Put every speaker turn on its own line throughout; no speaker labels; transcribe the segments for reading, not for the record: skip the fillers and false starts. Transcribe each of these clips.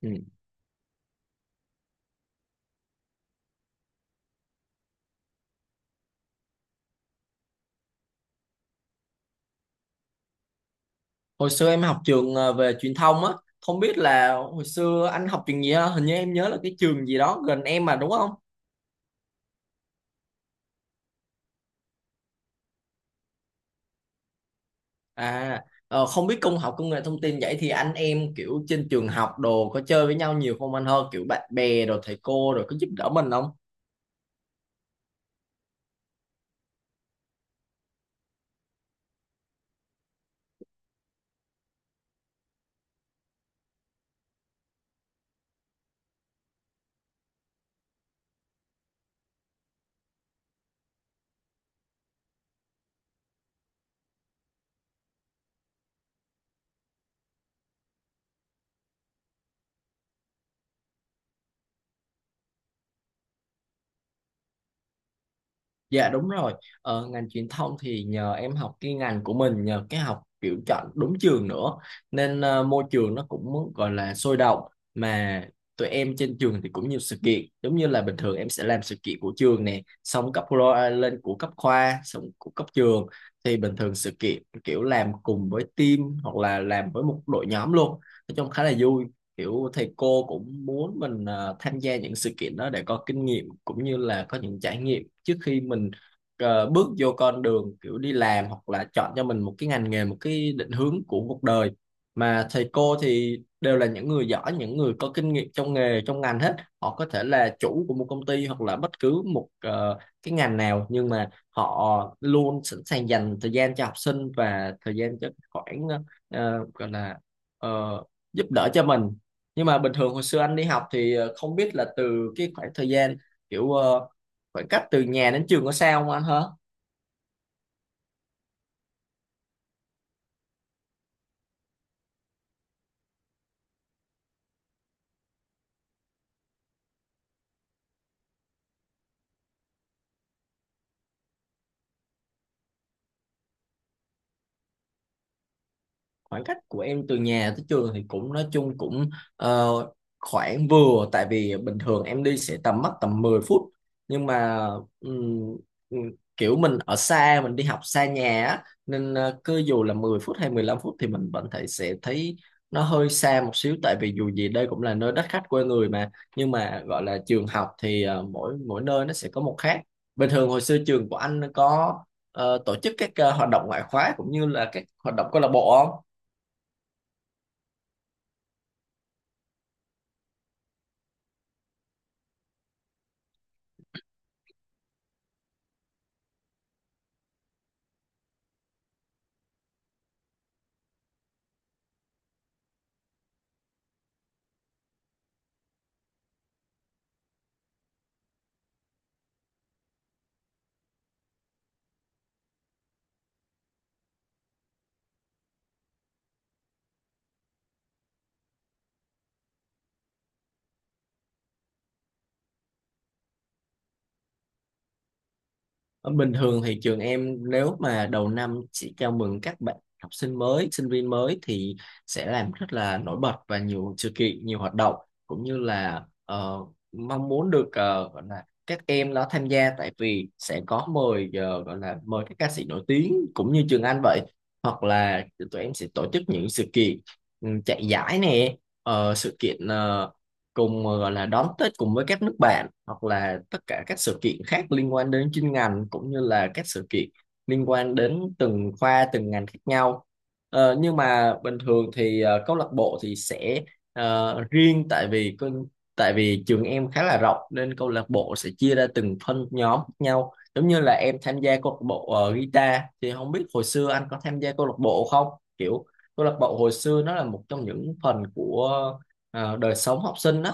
Ừ. Hồi xưa em học trường về truyền thông á, không biết là hồi xưa anh học trường gì ha, hình như em nhớ là cái trường gì đó gần em mà, đúng không? À, không biết học công nghệ thông tin vậy thì anh em kiểu trên trường học đồ có chơi với nhau nhiều không anh hơn, kiểu bạn bè rồi thầy cô rồi có giúp đỡ mình không? Dạ đúng rồi, ngành truyền thông thì nhờ em học cái ngành của mình, nhờ cái học kiểu chọn đúng trường nữa, nên môi trường nó cũng gọi là sôi động, mà tụi em trên trường thì cũng nhiều sự kiện, giống như là bình thường em sẽ làm sự kiện của trường nè, xong lên của cấp khoa, xong của cấp trường, thì bình thường sự kiện kiểu làm cùng với team hoặc là làm với một đội nhóm luôn, nói chung khá là vui, kiểu thầy cô cũng muốn mình tham gia những sự kiện đó để có kinh nghiệm cũng như là có những trải nghiệm trước khi mình bước vô con đường kiểu đi làm hoặc là chọn cho mình một cái ngành nghề, một cái định hướng của cuộc đời. Mà thầy cô thì đều là những người giỏi, những người có kinh nghiệm trong nghề trong ngành hết, họ có thể là chủ của một công ty hoặc là bất cứ một cái ngành nào, nhưng mà họ luôn sẵn sàng dành thời gian cho học sinh và thời gian cho khoảng ờ, gọi là ờ, giúp đỡ cho mình. Nhưng mà bình thường hồi xưa anh đi học thì không biết là từ cái khoảng thời gian kiểu khoảng cách từ nhà đến trường có xa không anh hả? Khoảng cách của em từ nhà tới trường thì cũng nói chung cũng ờ, khoảng vừa, tại vì bình thường em đi sẽ tầm mất tầm 10 phút, nhưng mà ừm, ừm, kiểu mình ở xa, mình đi học xa nhà á, nên cứ dù là 10 phút hay 15 phút thì mình vẫn thấy, sẽ thấy nó hơi xa một xíu, tại vì dù gì đây cũng là nơi đất khách quê người mà. Nhưng mà gọi là trường học thì mỗi mỗi nơi nó sẽ có một khác. Bình thường hồi xưa trường của anh có tổ chức các hoạt động ngoại khóa cũng như là các hoạt động câu lạc bộ không? Ờ, Bình thường thì trường em nếu mà đầu năm chỉ chào mừng các bạn học sinh mới, sinh viên mới thì sẽ làm rất là nổi bật và nhiều sự kiện, nhiều hoạt động, cũng như là mong muốn được gọi là các em nó tham gia, tại vì sẽ có mời gọi là mời các ca sĩ nổi tiếng cũng như Trường Anh vậy, hoặc là tụi em sẽ tổ chức những sự kiện chạy giải nè, sự kiện cùng gọi là đón Tết cùng với các nước bạn, hoặc là tất cả các sự kiện khác liên quan đến chuyên ngành, cũng như là các sự kiện liên quan đến từng khoa từng ngành khác nhau. Nhưng mà bình thường thì câu lạc bộ thì sẽ riêng, tại vì tại vì trường em khá là rộng nên câu lạc bộ sẽ chia ra từng phân nhóm khác nhau, giống như là em tham gia câu lạc bộ guitar. Thì không biết hồi xưa anh có tham gia câu lạc bộ không, kiểu câu lạc bộ hồi xưa nó là một trong những phần của đời sống học sinh á.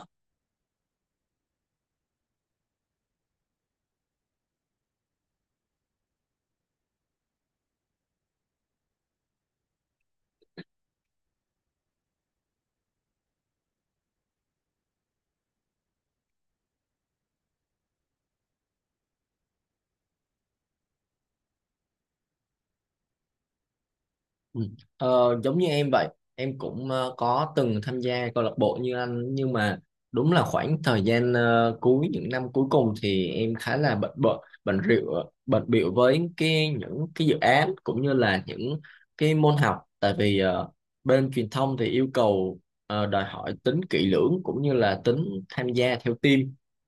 Ừ. Giống như em vậy, em cũng có từng tham gia câu lạc bộ như anh, nhưng mà đúng là khoảng thời gian cuối những năm cuối cùng thì em khá là bận bận bận rượu bận bịu với cái những cái dự án cũng như là những cái môn học, tại vì bên truyền thông thì yêu cầu đòi hỏi tính kỹ lưỡng cũng như là tính tham gia theo team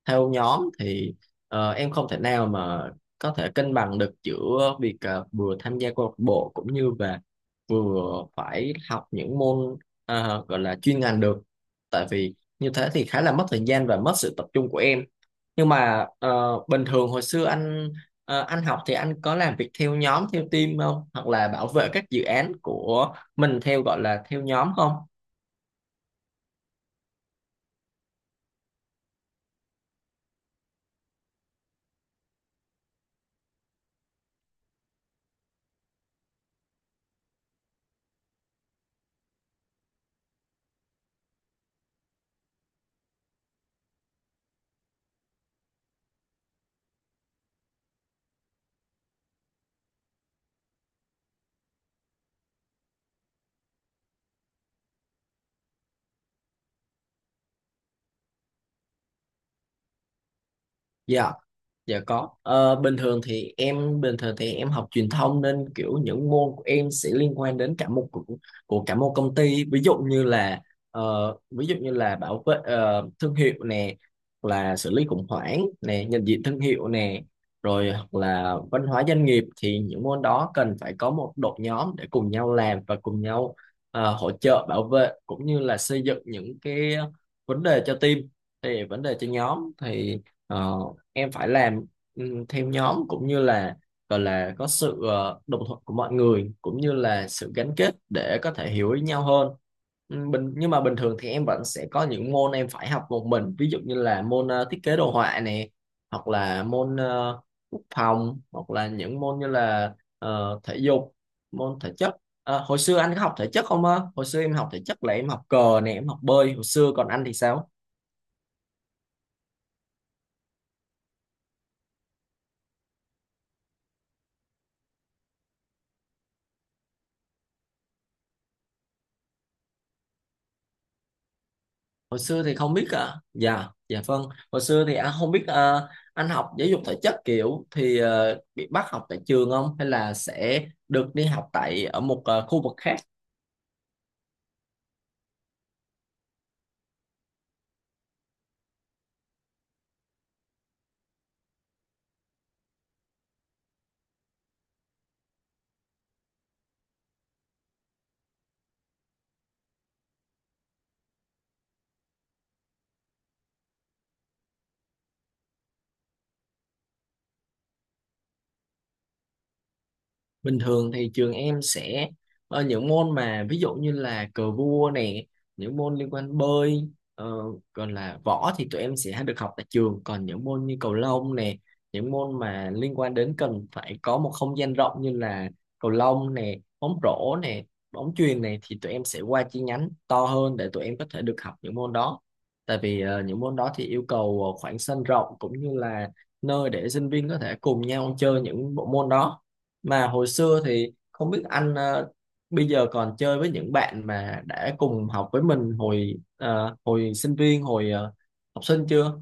theo nhóm, thì em không thể nào mà có thể cân bằng được giữa việc vừa tham gia câu lạc bộ cũng như về vừa phải học những môn gọi là chuyên ngành được, tại vì như thế thì khá là mất thời gian và mất sự tập trung của em. Nhưng mà bình thường hồi xưa anh học thì anh có làm việc theo nhóm theo team không, hoặc là bảo vệ các dự án của mình theo gọi là theo nhóm không? Dạ, dạ có. Ờ, bình thường thì em học truyền thông nên kiểu những môn của em sẽ liên quan đến cả một của cả một công ty. Ví dụ như là bảo vệ thương hiệu nè, hoặc là xử lý khủng hoảng nè, nhận diện thương hiệu nè, rồi hoặc là văn hóa doanh nghiệp, thì những môn đó cần phải có một đội nhóm để cùng nhau làm và cùng nhau hỗ trợ bảo vệ cũng như là xây dựng những cái vấn đề cho team, thì vấn đề cho nhóm thì ờ, em phải làm theo nhóm, cũng như là gọi là có sự đồng thuận của mọi người, cũng như là sự gắn kết để có thể hiểu ý nhau hơn. Nhưng mà bình thường thì em vẫn sẽ có những môn em phải học một mình, ví dụ như là môn thiết kế đồ họa này, hoặc là môn quốc phòng, hoặc là những môn như là thể dục, môn thể chất. Hồi xưa anh có học thể chất không á? Hồi xưa em học thể chất là em học cờ nè, em học bơi hồi xưa, còn anh thì sao? Hồi xưa thì không biết à Dạ, dạ, vâng. Hồi xưa thì anh không biết à, anh học giáo dục thể chất kiểu thì bị bắt học tại trường không, hay là sẽ được đi học tại ở một khu vực khác? Bình thường thì trường em sẽ những môn mà ví dụ như là cờ vua nè, những môn liên quan bơi, ờ, còn là võ thì tụi em sẽ được học tại trường, còn những môn như cầu lông nè, những môn mà liên quan đến cần phải có một không gian rộng như là cầu lông nè, bóng rổ nè, bóng chuyền này thì tụi em sẽ qua chi nhánh to hơn để tụi em có thể được học những môn đó. Tại vì những môn đó thì yêu cầu khoảng sân rộng, cũng như là nơi để sinh viên có thể cùng nhau chơi những bộ môn đó. Mà hồi xưa thì không biết anh bây giờ còn chơi với những bạn mà đã cùng học với mình hồi hồi sinh viên, hồi học sinh chưa?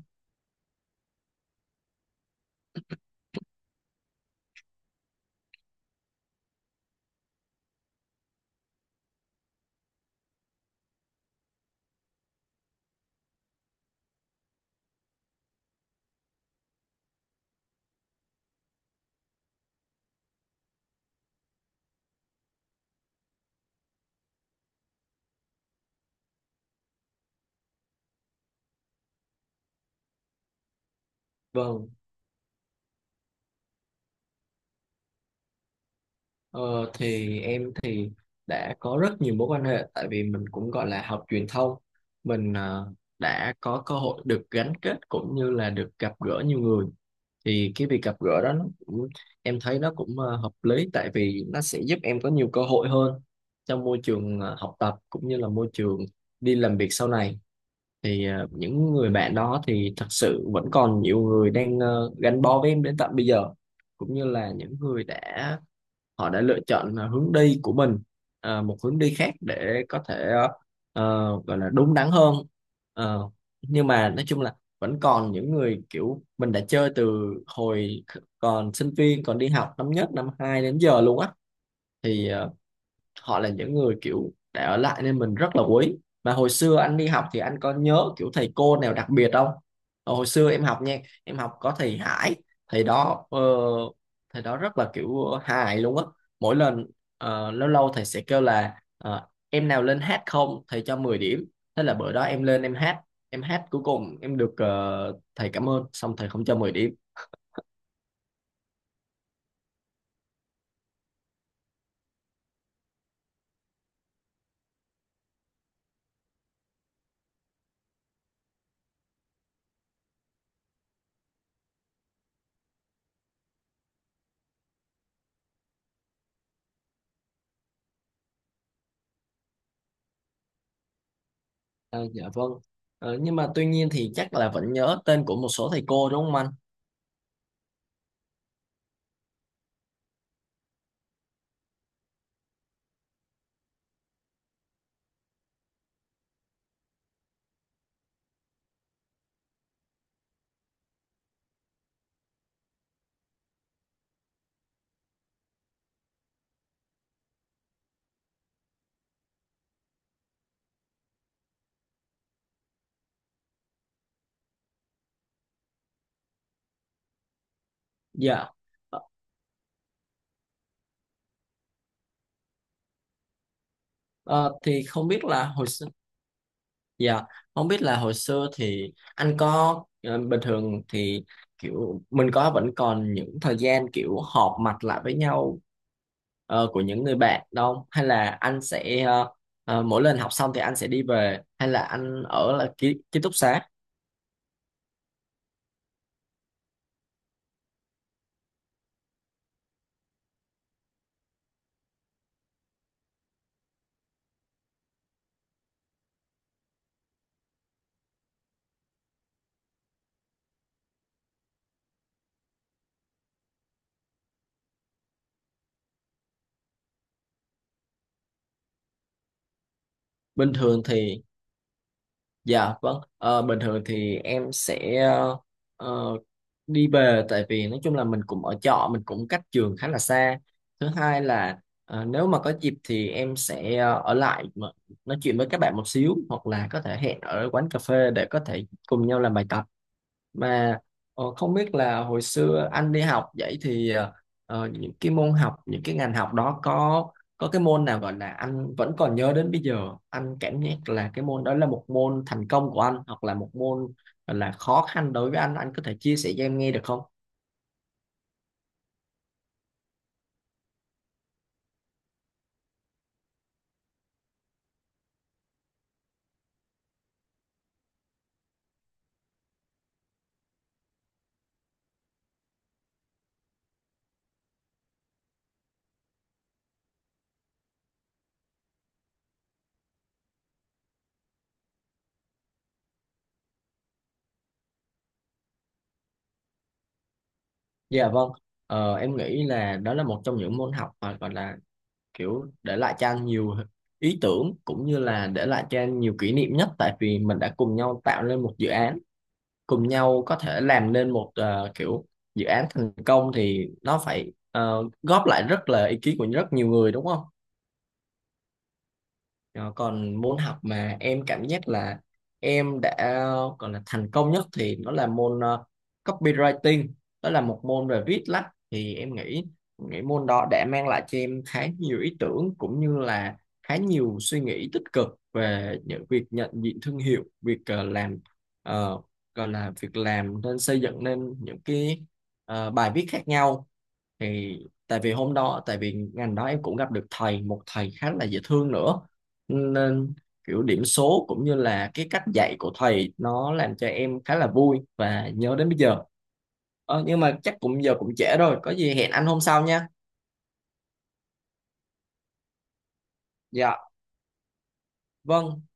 Vâng. Ờ, thì em thì đã có rất nhiều mối quan hệ, tại vì mình cũng gọi là học truyền thông, mình đã có cơ hội được gắn kết cũng như là được gặp gỡ nhiều người, thì cái việc gặp gỡ đó nó cũng, em thấy nó cũng hợp lý, tại vì nó sẽ giúp em có nhiều cơ hội hơn trong môi trường học tập cũng như là môi trường đi làm việc sau này, thì những người bạn đó thì thật sự vẫn còn nhiều người đang gắn bó với em đến tận bây giờ, cũng như là những người đã họ đã lựa chọn hướng đi của mình, một hướng đi khác để có thể gọi là đúng đắn hơn. Ờ, nhưng mà nói chung là vẫn còn những người kiểu mình đã chơi từ hồi còn sinh viên, còn đi học năm nhất năm hai đến giờ luôn á, thì họ là những người kiểu để ở lại nên mình rất là quý. Mà hồi xưa anh đi học thì anh có nhớ kiểu thầy cô nào đặc biệt không? Hồi xưa em học nha em học có thầy Hải. thầy đó ờ, Thầy đó rất là kiểu hài luôn á. Mỗi lần lâu lâu thầy sẽ kêu là em nào lên hát không thầy cho 10 điểm, thế là bữa đó em lên em hát, cuối cùng em được thầy cảm ơn xong thầy không cho 10 điểm. Ờ, dạ vâng. Nhưng mà tuy nhiên thì chắc là vẫn nhớ tên của một số thầy cô đúng không anh? Dạ. Ờ, thì không biết là hồi xưa, dạ, không biết là hồi xưa thì anh có bình thường thì kiểu mình có vẫn còn những thời gian kiểu họp mặt lại với nhau của những người bạn đâu, hay là anh sẽ mỗi lần học xong thì anh sẽ đi về, hay là anh ở là ký túc xá? Bình thường thì Dạ vâng, bình thường thì em sẽ ờ, đi về, tại vì nói chung là mình cũng ở trọ, mình cũng cách trường khá là xa. Thứ hai là nếu mà có dịp thì em sẽ ở lại mà nói chuyện với các bạn một xíu, hoặc là có thể hẹn ở quán cà phê để có thể cùng nhau làm bài tập. Mà không biết là hồi xưa anh đi học vậy thì những cái môn học, những cái ngành học đó có cái môn nào gọi là anh vẫn còn nhớ đến bây giờ, anh cảm giác là cái môn đó là một môn thành công của anh, hoặc là một môn gọi là khó khăn đối với anh có thể chia sẻ cho em nghe được không? Dạ vâng. Em nghĩ là đó là một trong những môn học mà gọi là kiểu để lại cho anh nhiều ý tưởng, cũng như là để lại cho anh nhiều kỷ niệm nhất, tại vì mình đã cùng nhau tạo nên một dự án, cùng nhau có thể làm nên một kiểu dự án thành công thì nó phải góp lại rất là ý kiến của rất nhiều người, đúng không? Ờ, còn môn học mà em cảm giác là em đã còn là thành công nhất thì nó là môn copywriting, đó là một môn về viết lách, thì em nghĩ nghĩ môn đó đã mang lại cho em khá nhiều ý tưởng, cũng như là khá nhiều suy nghĩ tích cực về những việc nhận diện thương hiệu, việc làm ờ, gọi là việc làm nên xây dựng nên những cái bài viết khác nhau, thì tại vì ngành đó em cũng gặp được một thầy khá là dễ thương nữa, nên kiểu điểm số cũng như là cái cách dạy của thầy nó làm cho em khá là vui và nhớ đến bây giờ. Nhưng mà chắc cũng giờ cũng trễ rồi, có gì hẹn anh hôm sau nha. Dạ vâng.